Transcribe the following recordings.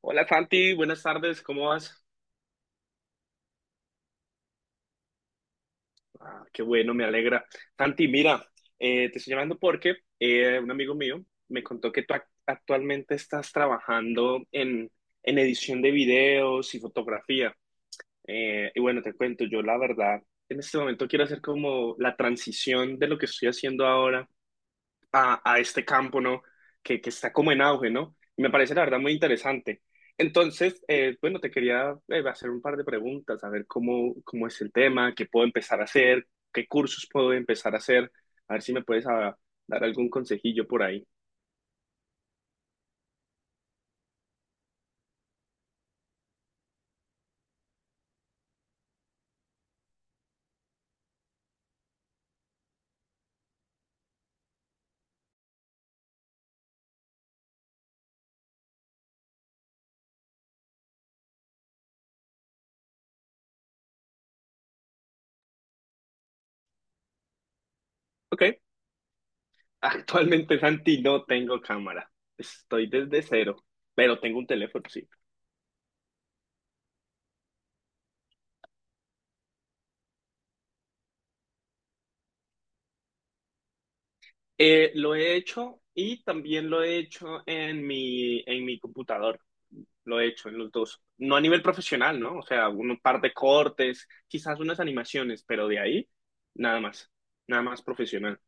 Hola Santi, buenas tardes, ¿cómo vas? Ah, qué bueno, me alegra. Santi, mira, te estoy llamando porque un amigo mío me contó que tú actualmente estás trabajando en, edición de videos y fotografía. Y bueno, te cuento, yo la verdad, en este momento quiero hacer como la transición de lo que estoy haciendo ahora a, este campo, ¿no? Que está como en auge, ¿no? Me parece la verdad muy interesante. Entonces, bueno, te quería hacer un par de preguntas, a ver cómo es el tema, qué puedo empezar a hacer, qué cursos puedo empezar a hacer, a ver si me puedes dar algún consejillo por ahí. Ok. Actualmente, Santi, no tengo cámara, estoy desde cero, pero tengo un teléfono, sí. Lo he hecho y también lo he hecho en mi computador. Lo he hecho en los dos. No a nivel profesional, ¿no? O sea, un par de cortes, quizás unas animaciones, pero de ahí nada más. Nada más profesional.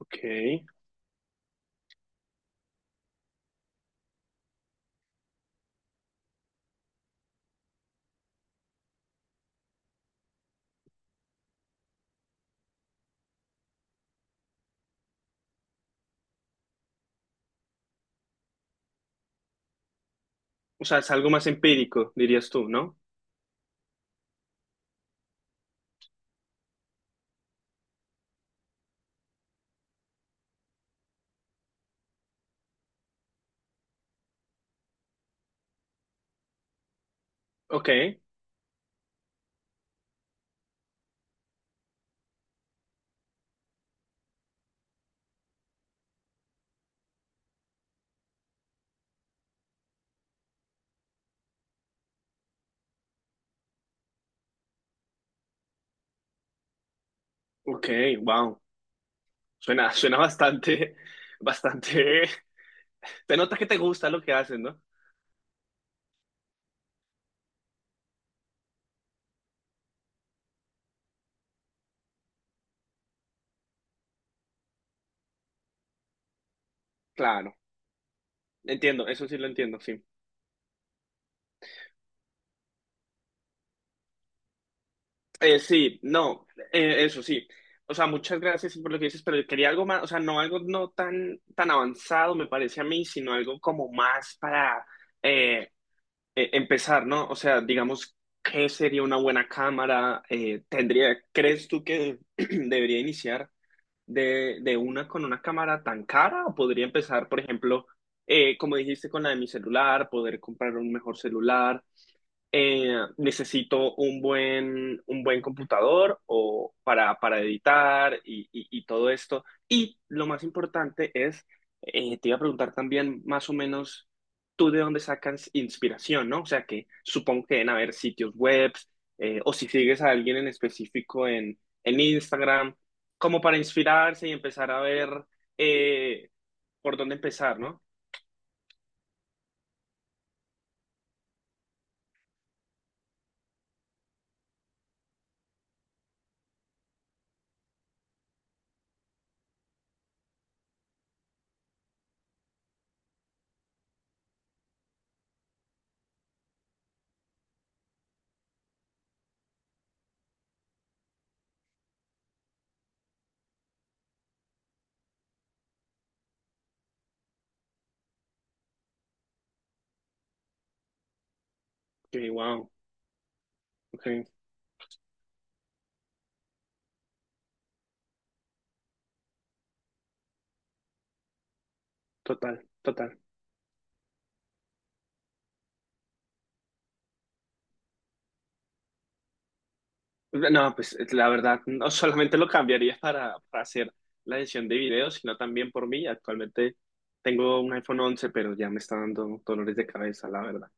Ok. O sea, es algo más empírico, dirías tú, ¿no? Ok, ok, wow. Suena bastante, bastante. Te notas que te gusta lo que haces, ¿no? Claro, entiendo, eso sí lo entiendo, sí. Sí, no, eso sí. O sea, muchas gracias por lo que dices, pero quería algo más, o sea, no algo no tan avanzado, me parece a mí, sino algo como más para eh, empezar, ¿no? O sea, digamos, ¿qué sería una buena cámara? ¿Crees tú que debería iniciar de una con una cámara tan cara? ¿O podría empezar, por ejemplo, como dijiste, con la de mi celular, poder comprar un mejor celular? Necesito un buen computador o para editar y, y todo esto. Y lo más importante es, te iba a preguntar también más o menos tú de dónde sacas inspiración, ¿no? O sea, que supongo que deben haber sitios web o si sigues a alguien en específico en, Instagram, como para inspirarse y empezar a ver eh, por dónde empezar, ¿no? Que wow, ok, total, total. No, pues la verdad, no solamente lo cambiaría para hacer la edición de videos, sino también por mí. Actualmente tengo un iPhone 11, pero ya me está dando dolores de cabeza, la verdad.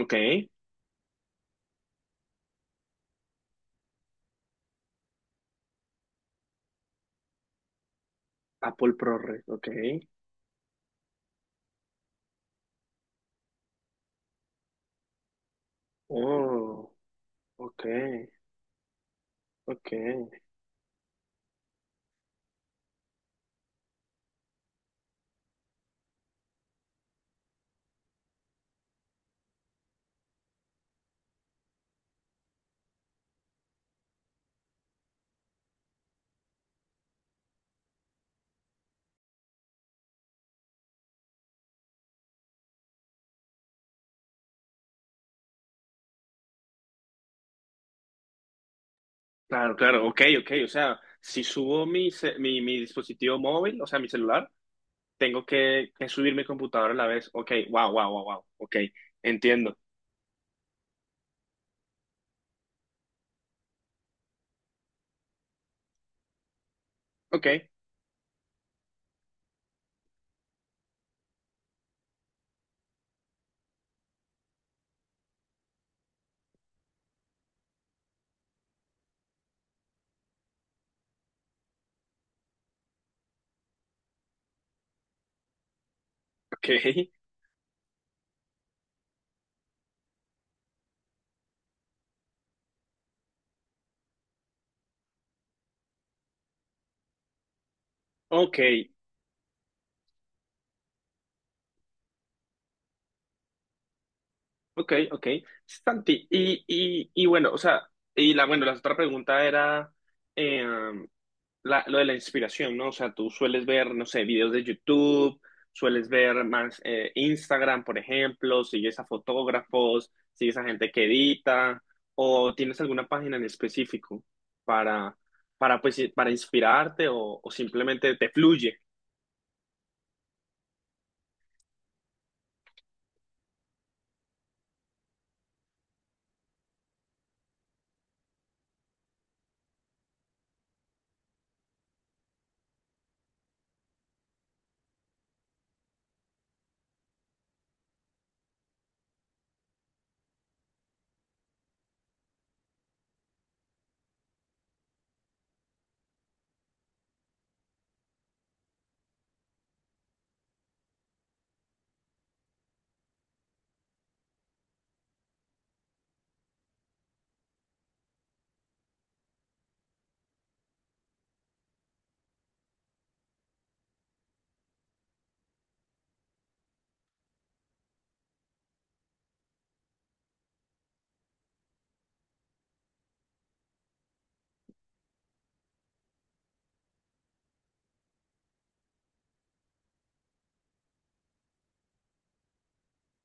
Ok, Apple ProRes, ok. Oh, ok, ok. Claro, claro, ok, ok. O sea, si subo mi dispositivo móvil, o sea, mi celular, tengo que subir mi computadora a la vez. Ok, wow, wow, wow, wow. Ok, entiendo. Ok, ok, ok. Ok, ok. Sí, Santi, y bueno, o sea, bueno, la otra pregunta era eh, lo de la inspiración, ¿no? O sea, tú sueles ver, no sé, videos de YouTube, sueles ver más Instagram, por ejemplo, sigues a fotógrafos, sigues a gente que edita, o tienes alguna página en específico para, pues, para inspirarte o simplemente te fluye.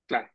Claro.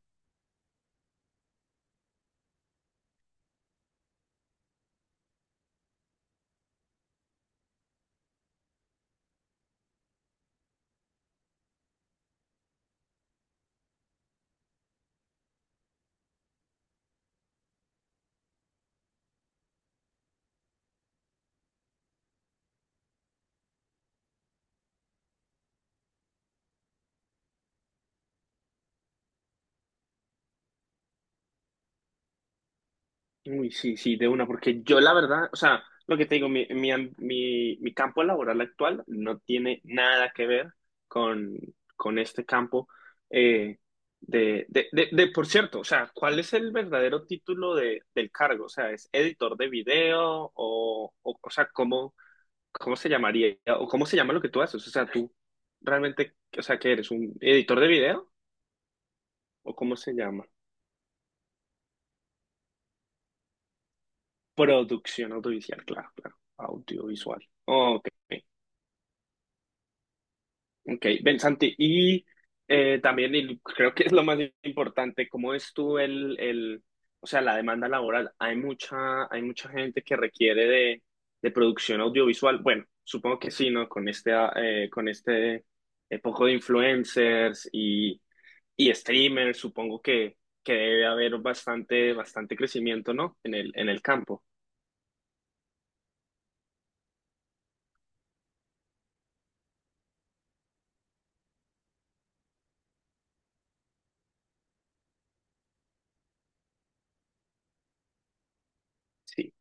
Uy, sí, sí, de una, porque yo la verdad, o sea, lo que te digo, mi campo laboral actual no tiene nada que ver con, este campo eh, por cierto, o sea, ¿cuál es el verdadero título del cargo? O sea, ¿es editor de video o, o sea, cómo se llamaría o cómo se llama lo que tú haces? O sea, tú realmente, o sea, ¿qué eres? ¿Un editor de video o cómo se llama? Producción audiovisual, claro, claro, audiovisual. Ok. Ok, ven Santi, y también y creo que es lo más importante, ¿cómo es tú o sea, la demanda laboral? Hay mucha gente que requiere de producción audiovisual. Bueno, supongo que sí, ¿no? Con este poco de influencers y, streamers, supongo que debe haber bastante, bastante crecimiento, ¿no? En el campo. Sí,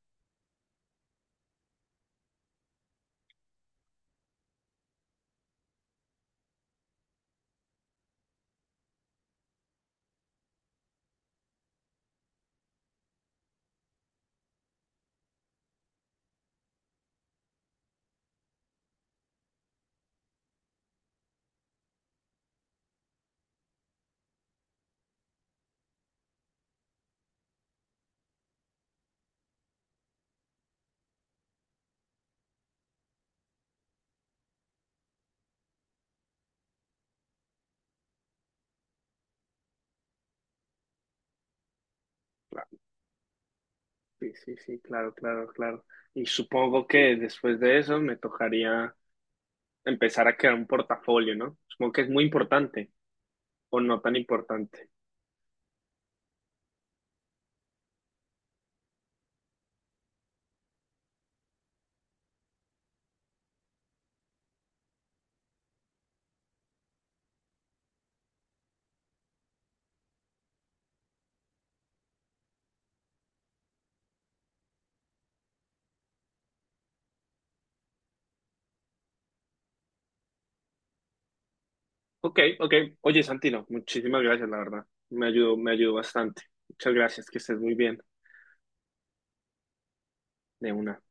claro, sí, sí, sí, claro, claro, claro. Y supongo que después de eso me tocaría empezar a crear un portafolio, ¿no? Supongo que es muy importante o no tan importante. Ok, ok. Oye, Santino, muchísimas gracias, la verdad. Me ayudó bastante. Muchas gracias, que estés muy bien de una.